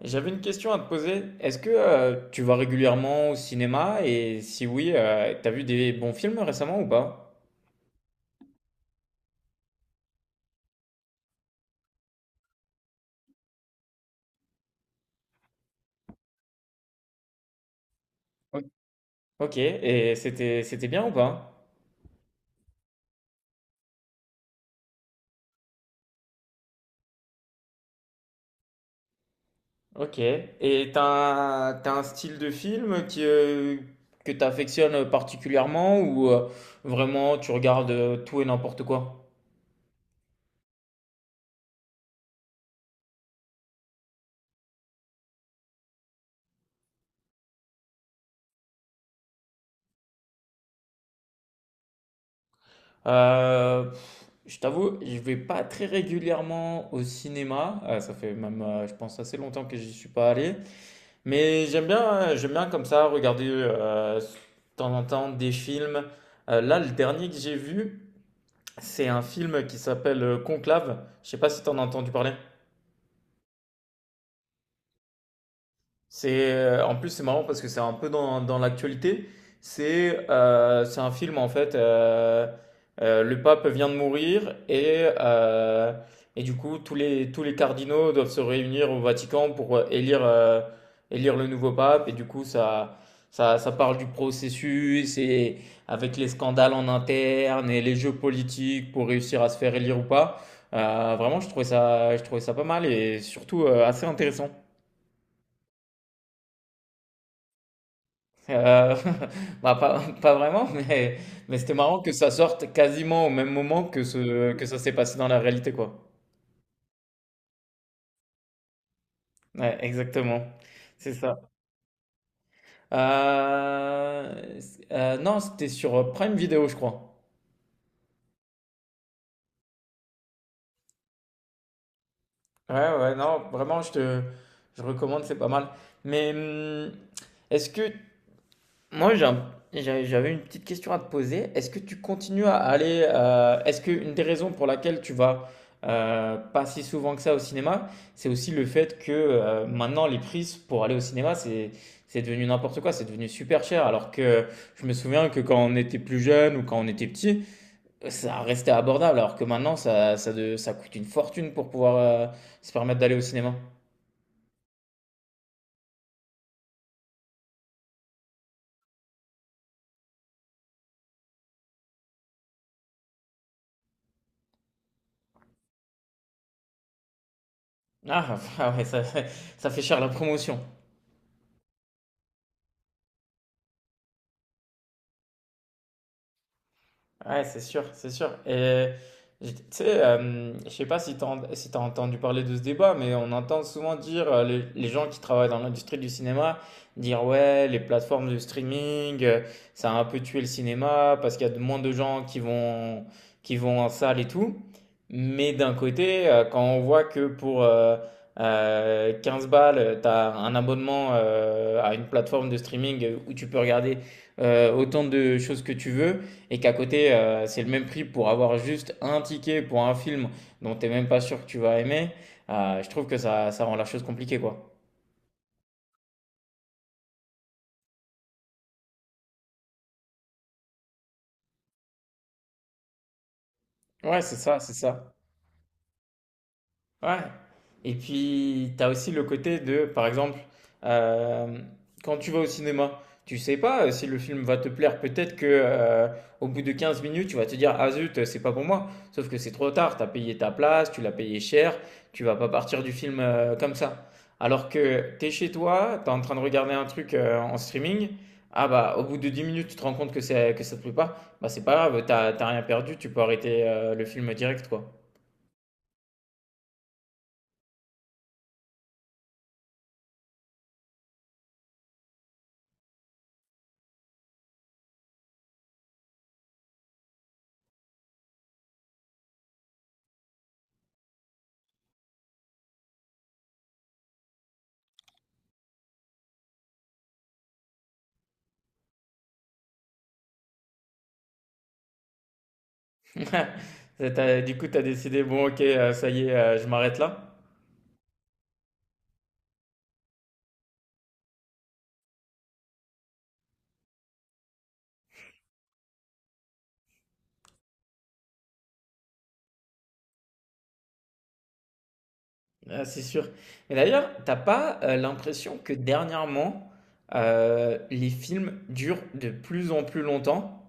J'avais une question à te poser. Est-ce que tu vas régulièrement au cinéma et si oui, t'as vu des bons films récemment ou pas? Ok. Ok, et c'était bien ou pas? Ok, et t'as un style de film qui, que t'affectionnes particulièrement ou vraiment tu regardes tout et n'importe quoi? Euh, je t'avoue, je vais pas très régulièrement au cinéma. Ça fait même, je pense, assez longtemps que j'y suis pas allé. Mais j'aime bien comme ça regarder de temps en temps des films. Là, le dernier que j'ai vu, c'est un film qui s'appelle Conclave. Je sais pas si t'en as entendu parler. C'est En plus c'est marrant parce que c'est un peu dans l'actualité. C'est un film en fait. Le pape vient de mourir et du coup tous les cardinaux doivent se réunir au Vatican pour élire élire le nouveau pape, et du coup ça parle du processus et avec les scandales en interne et les jeux politiques pour réussir à se faire élire ou pas. Vraiment je trouvais ça pas mal et surtout assez intéressant. Euh, Bah, pas vraiment, mais c'était marrant que ça sorte quasiment au même moment que ça s'est passé dans la réalité, quoi. Ouais, exactement. C'est ça. Euh, non, c'était sur Prime Video, je crois. Ouais, ouais, non, vraiment, je recommande, c'est pas mal. Mais est-ce que Moi, j'ai un- j'ai- j'avais une petite question à te poser. Est-ce que tu continues à aller, est-ce qu'une des raisons pour laquelle tu vas pas si souvent que ça au cinéma, c'est aussi le fait que maintenant les prises pour aller au cinéma, c'est devenu n'importe quoi, c'est devenu super cher. Alors que je me souviens que quand on était plus jeune ou quand on était petit, ça restait abordable. Alors que maintenant, ça coûte une fortune pour pouvoir se permettre d'aller au cinéma. Ah, ah ouais, ça fait cher la promotion. Ouais, c'est sûr, c'est sûr. Et tu sais, je sais pas si tu si t'as entendu parler de ce débat, mais on entend souvent dire les gens qui travaillent dans l'industrie du cinéma dire ouais, les plateformes de streaming, ça a un peu tué le cinéma parce qu'il y a de moins de gens qui vont en salle et tout. Mais d'un côté, quand on voit que pour 15 balles, tu as un abonnement à une plateforme de streaming où tu peux regarder autant de choses que tu veux, et qu'à côté, c'est le même prix pour avoir juste un ticket pour un film dont t'es même pas sûr que tu vas aimer, je trouve que ça rend la chose compliquée, quoi. Ouais, c'est ça, c'est ça. Ouais. Et puis, tu as aussi le côté de, par exemple, euh, quand tu vas au cinéma, tu sais pas si le film va te plaire. Peut-être que au bout de 15 minutes, tu vas te dire, ah zut, c'est pas pour moi. Sauf que c'est trop tard, tu as payé ta place, tu l'as payé cher, tu vas pas partir du film comme ça. Alors que tu es chez toi, tu es en train de regarder un truc en streaming, ah bah au bout de 10 minutes, tu te rends compte que ça te plaît pas, bah c'est pas grave, t'as rien perdu, tu peux arrêter le film direct, quoi. Et Du coup, tu as décidé, bon, ok, ça y est, je m'arrête là. Ah, c'est sûr. Mais d'ailleurs, t'as pas l'impression que dernièrement, les films durent de plus en plus longtemps?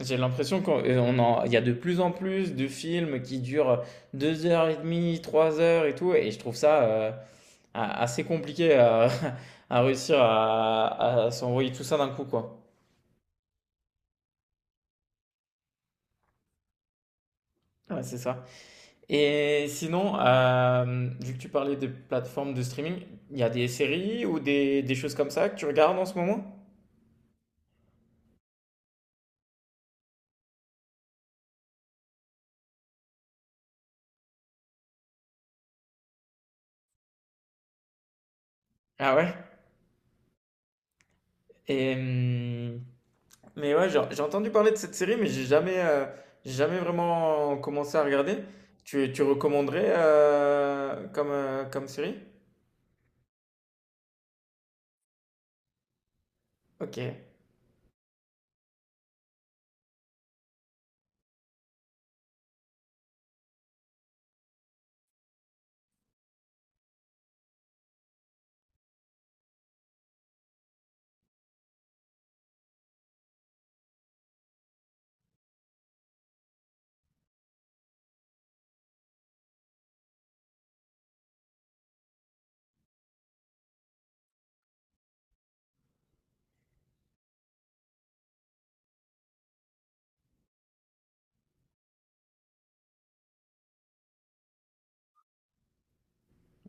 J'ai l'impression qu'on- on en- Il y a de plus en plus de films qui durent deux heures et demie, trois heures et tout, et je trouve ça assez compliqué à, à réussir à s'envoyer tout ça d'un coup, quoi. Ouais, c'est ça. Et sinon, vu que tu parlais des plateformes de streaming, il y a des séries ou des choses comme ça que tu regardes en ce moment? Ah ouais? Et, mais ouais, genre, j'ai entendu parler de cette série, mais j'ai jamais vraiment commencé à regarder. Tu recommanderais comme, comme série? Ok,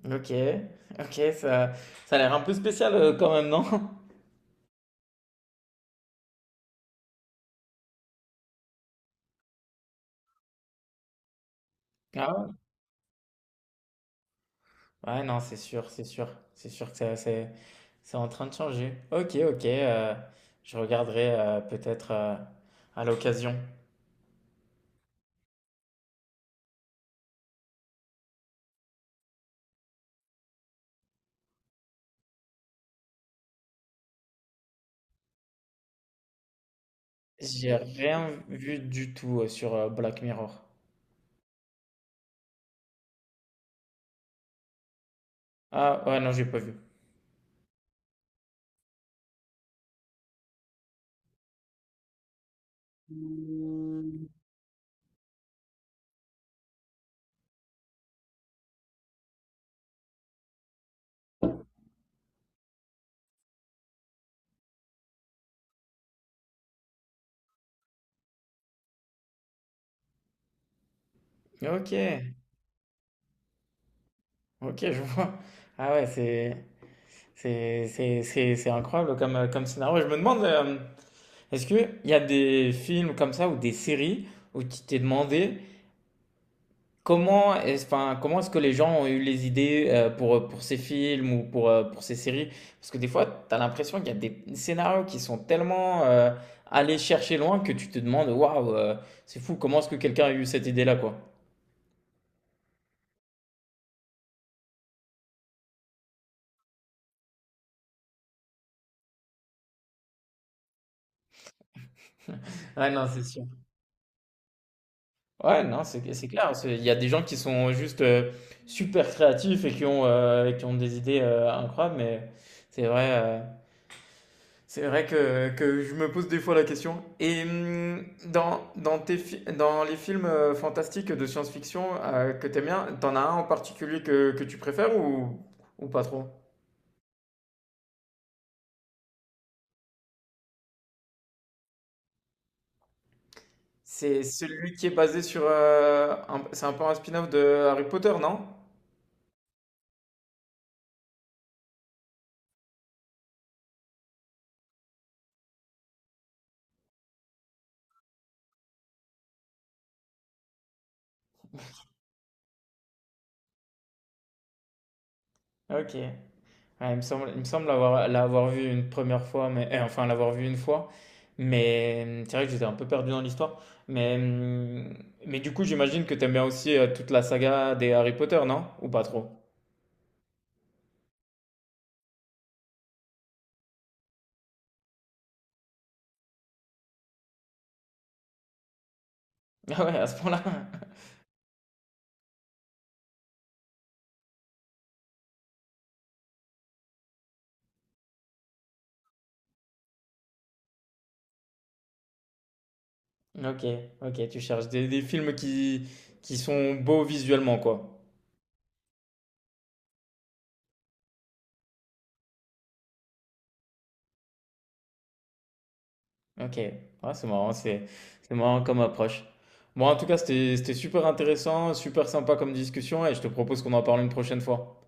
ok, ok, ça a l'air un peu spécial quand même, non? Ah ouais. Ouais, non, c'est sûr, c'est sûr. C'est sûr que ça- c'est c'est en train de changer. Ok, ok. Je regarderai peut-être à l'occasion. J'ai rien vu du tout sur Black Mirror. Ah, ouais, non, j'ai pas vu. Ok, ok, je vois. Ah ouais, c'est c'est incroyable comme comme scénario. Je me demande, est-ce que il y a des films comme ça ou des séries où tu t'es demandé. Comment est-ce, enfin, comment est-ce que les gens ont eu les idées pour ces films ou pour ces séries? Parce que des fois, tu as l'impression qu'il y a des scénarios qui sont tellement allés chercher loin que tu te demandes, waouh, c'est fou, comment est-ce que quelqu'un a eu cette idée-là, quoi? Ouais, non, c'est sûr. Ouais, non, c'est clair. Il y a des gens qui sont juste super créatifs et qui ont des idées incroyables, mais c'est vrai. euh, C'est vrai que je me pose des fois la question. Et dans les films fantastiques de science-fiction que t'aimes bien, t'en as un en particulier que tu préfères ou pas trop? C'est celui qui est basé sur c'est un peu un spin-off de Harry Potter, non? Ok. Ouais, il me semble l'avoir vu une première fois, mais eh, enfin l'avoir vu une fois. Mais c'est vrai que j'étais un peu perdu dans l'histoire. Mais, hum, mais du coup, j'imagine que t'aimes bien aussi toute la saga des Harry Potter, non? Ou pas trop? Ah ouais, à ce point-là. Ok, ok, tu cherches des films qui sont beaux visuellement, quoi. Ok, ouais, c'est marrant, c'est marrant comme approche. Bon, en tout cas, c'était super intéressant, super sympa comme discussion, et je te propose qu'on en parle une prochaine fois.